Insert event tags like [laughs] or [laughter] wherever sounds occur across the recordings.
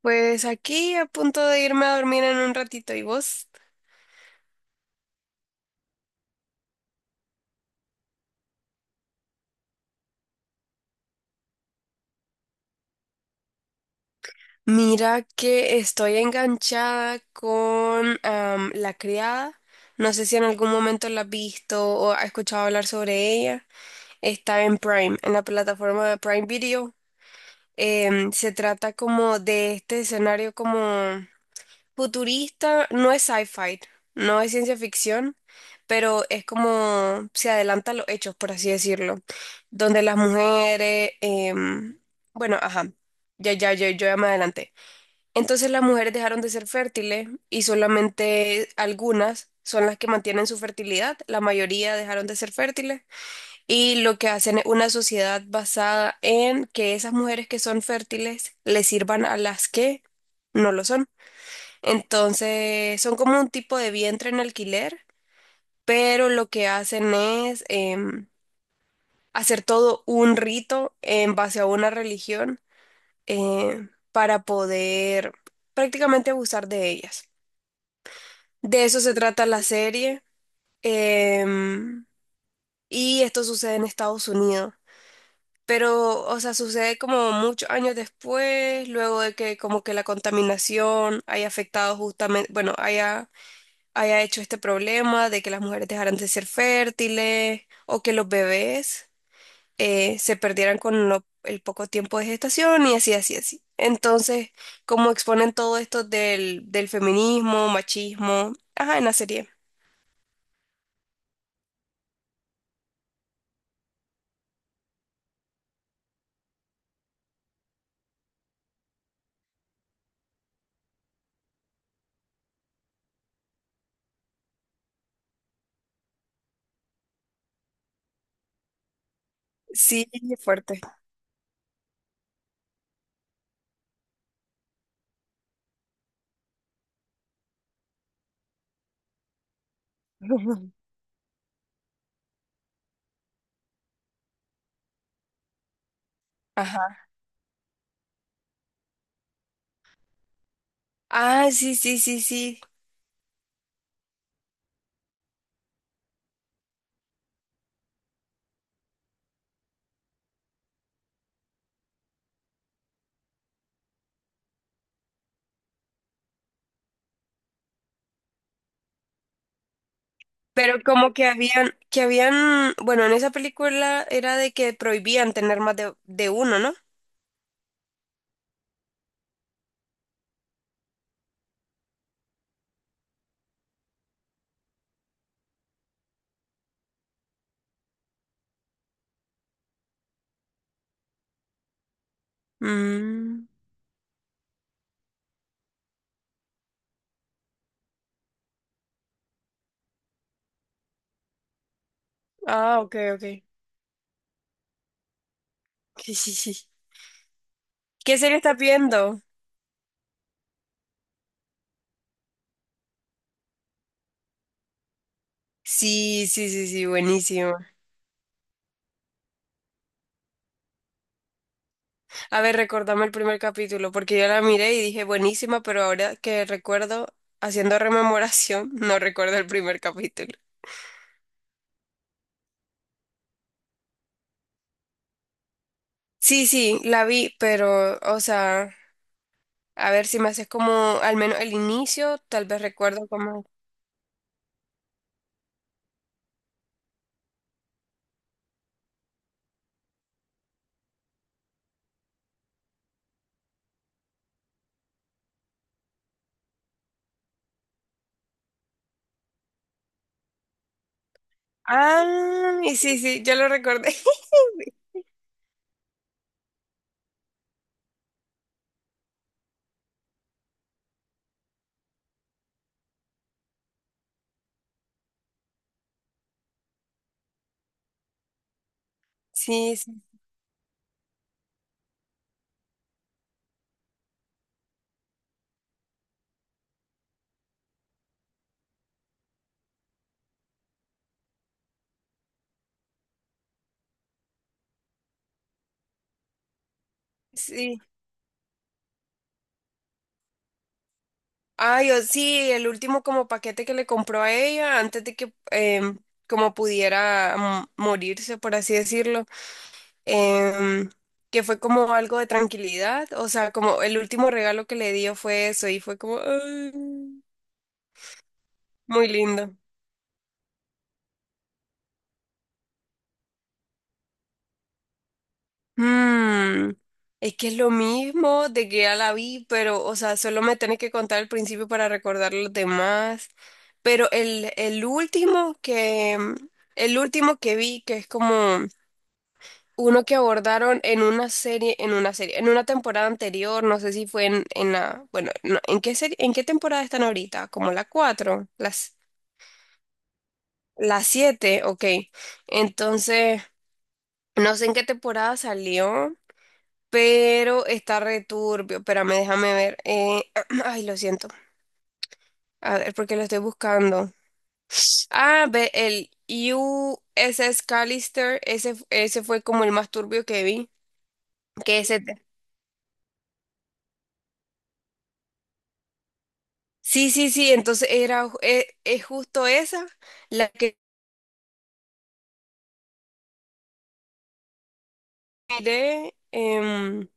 Pues aquí a punto de irme a dormir en un ratito, ¿y vos? Mira que estoy enganchada con La Criada. No sé si en algún momento la has visto o has escuchado hablar sobre ella. Está en Prime, en la plataforma de Prime Video. Se trata como de este escenario como futurista. No es sci-fi, no es ciencia ficción, pero es como se adelanta a los hechos, por así decirlo, donde las mujeres, bueno, ajá, ya, ya, yo ya me adelanté. Entonces las mujeres dejaron de ser fértiles y solamente algunas son las que mantienen su fertilidad, la mayoría dejaron de ser fértiles, y lo que hacen es una sociedad basada en que esas mujeres que son fértiles le sirvan a las que no lo son. Entonces, son como un tipo de vientre en alquiler, pero lo que hacen es em, hacer todo un rito en base a una religión para poder prácticamente abusar de ellas. De eso se trata la serie, em, y esto sucede en Estados Unidos. Pero, o sea, sucede como muchos años después, luego de que como que la contaminación haya afectado justamente, bueno, haya hecho este problema de que las mujeres dejaran de ser fértiles o que los bebés, se perdieran con lo- el poco tiempo de gestación y así, así, así. Entonces, como exponen todo esto del, del feminismo, machismo, ajá, en la serie. Sí, es fuerte. [laughs] Ajá. Ah, sí, sí, sí, sí. Pero como que habían, bueno, en esa película era de que prohibían tener más de uno, ¿no? Mm. Ah, ok, ok. [laughs] ¿Qué serie estás viendo? Sí, sí, sí, sí, buenísimo. A ver, recordame el primer capítulo, porque yo la miré y dije buenísima, pero ahora que recuerdo, haciendo rememoración, [laughs] no recuerdo el primer capítulo. Sí, sí, la vi, pero, o sea, a ver si me haces como al menos el inicio, tal vez recuerdo como... Ah, y sí, sí, yo lo recordé. [laughs] Sí, sí, sí. Ay, o sí, el último como paquete que le compró a ella antes de que como pudiera, morirse, por así decirlo, em, que fue como algo de tranquilidad, o sea, como el último regalo que le dio fue eso y fue como ay, muy lindo. Mm, es que es lo mismo de que ya la vi, pero, o sea, solo me tenés que contar el principio para recordar los demás, pero el último que vi, que es como... Uno que abordaron en una serie, en una temporada anterior, no sé si fue en la, bueno, no, ¿en qué serie, en qué temporada están ahorita? Como la 4, las, ¿la 7? Ok. Entonces, no sé en qué temporada salió, pero está returbio. Espérame, déjame ver. [clears throat] Ay, lo siento. A ver, porque lo estoy buscando. Ah, ve, el USS Callister, ese fue como el más turbio que vi. Que ese sí, sí, sí, entonces es justo esa la que miré.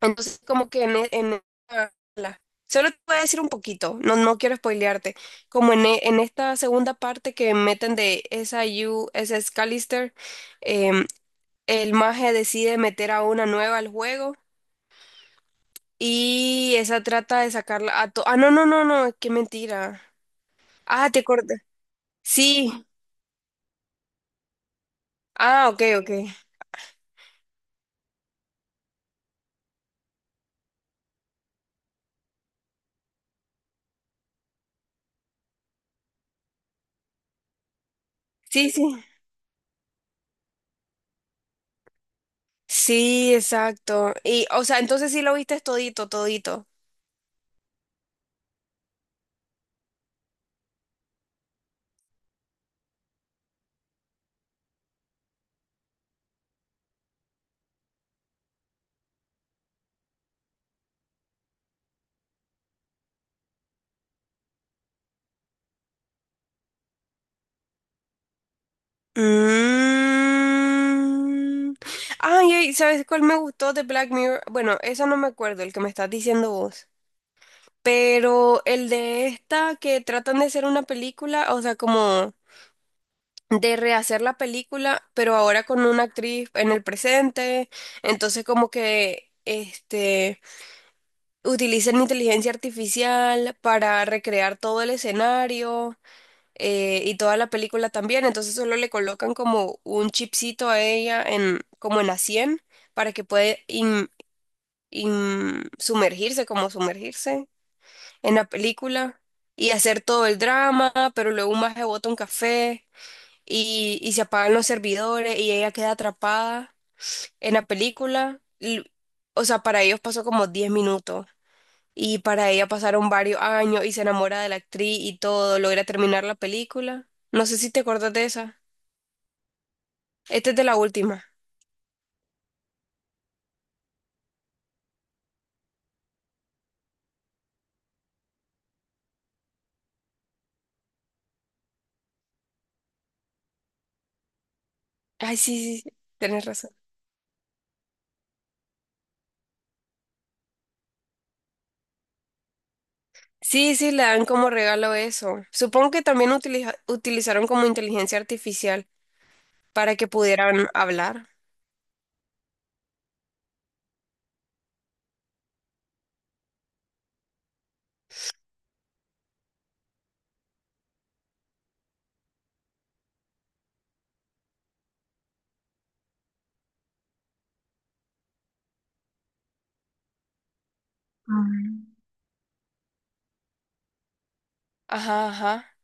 Entonces, como que en esta solo te voy a decir un poquito. No, no quiero spoilearte. Como en esta segunda parte que meten de SIU, SS Callister, em, el mago decide meter a una nueva al juego y esa trata de ah, no, no, no, no, qué mentira. Ah, te acordé. Sí, ah, ok, ok. Sí, sí. Sí, exacto. Y, o sea, entonces sí lo viste todito, todito. Mm. Ay, ay, ¿sabes cuál me gustó de Black Mirror? Bueno, eso no me acuerdo, el que me estás diciendo vos. Pero el de esta que tratan de hacer una película, o sea, como de rehacer la película, pero ahora con una actriz en el presente. Entonces, como que este utilizan inteligencia artificial para recrear todo el escenario. Y toda la película también, entonces solo le colocan como un chipcito a ella en, como en la sien para que pueda sumergirse, como sumergirse en la película y hacer todo el drama, pero luego un maje bota un café y se apagan los servidores y ella queda atrapada en la película. O sea, para ellos pasó como 10 minutos. Y para ella pasaron varios años y se enamora de la actriz y todo, logra terminar la película. No sé si te acuerdas de esa. Este es de la última. Ay, sí, sí, sí, tienes razón. Sí, sí, le dan como regalo eso. Supongo que también utilizaron como inteligencia artificial para que pudieran hablar. Ajá, ajá.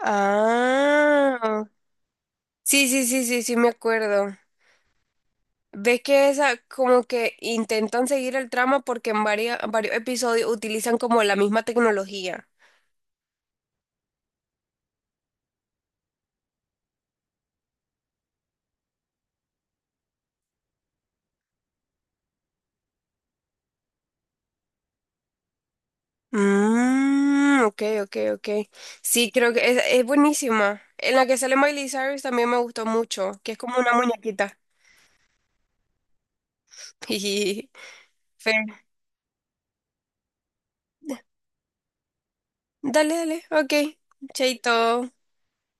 Ah. Sí, sí, sí, sí, sí, me acuerdo. Ves que esa como que intentan seguir el trama porque en varios, varios episodios utilizan como la misma tecnología. Mm, ok, ok, ok. Sí, creo que es buenísima. En la que sale Miley Cyrus también me gustó mucho, que es como una muñequita. [laughs] Fe. Dale, dale, ok. Chaito.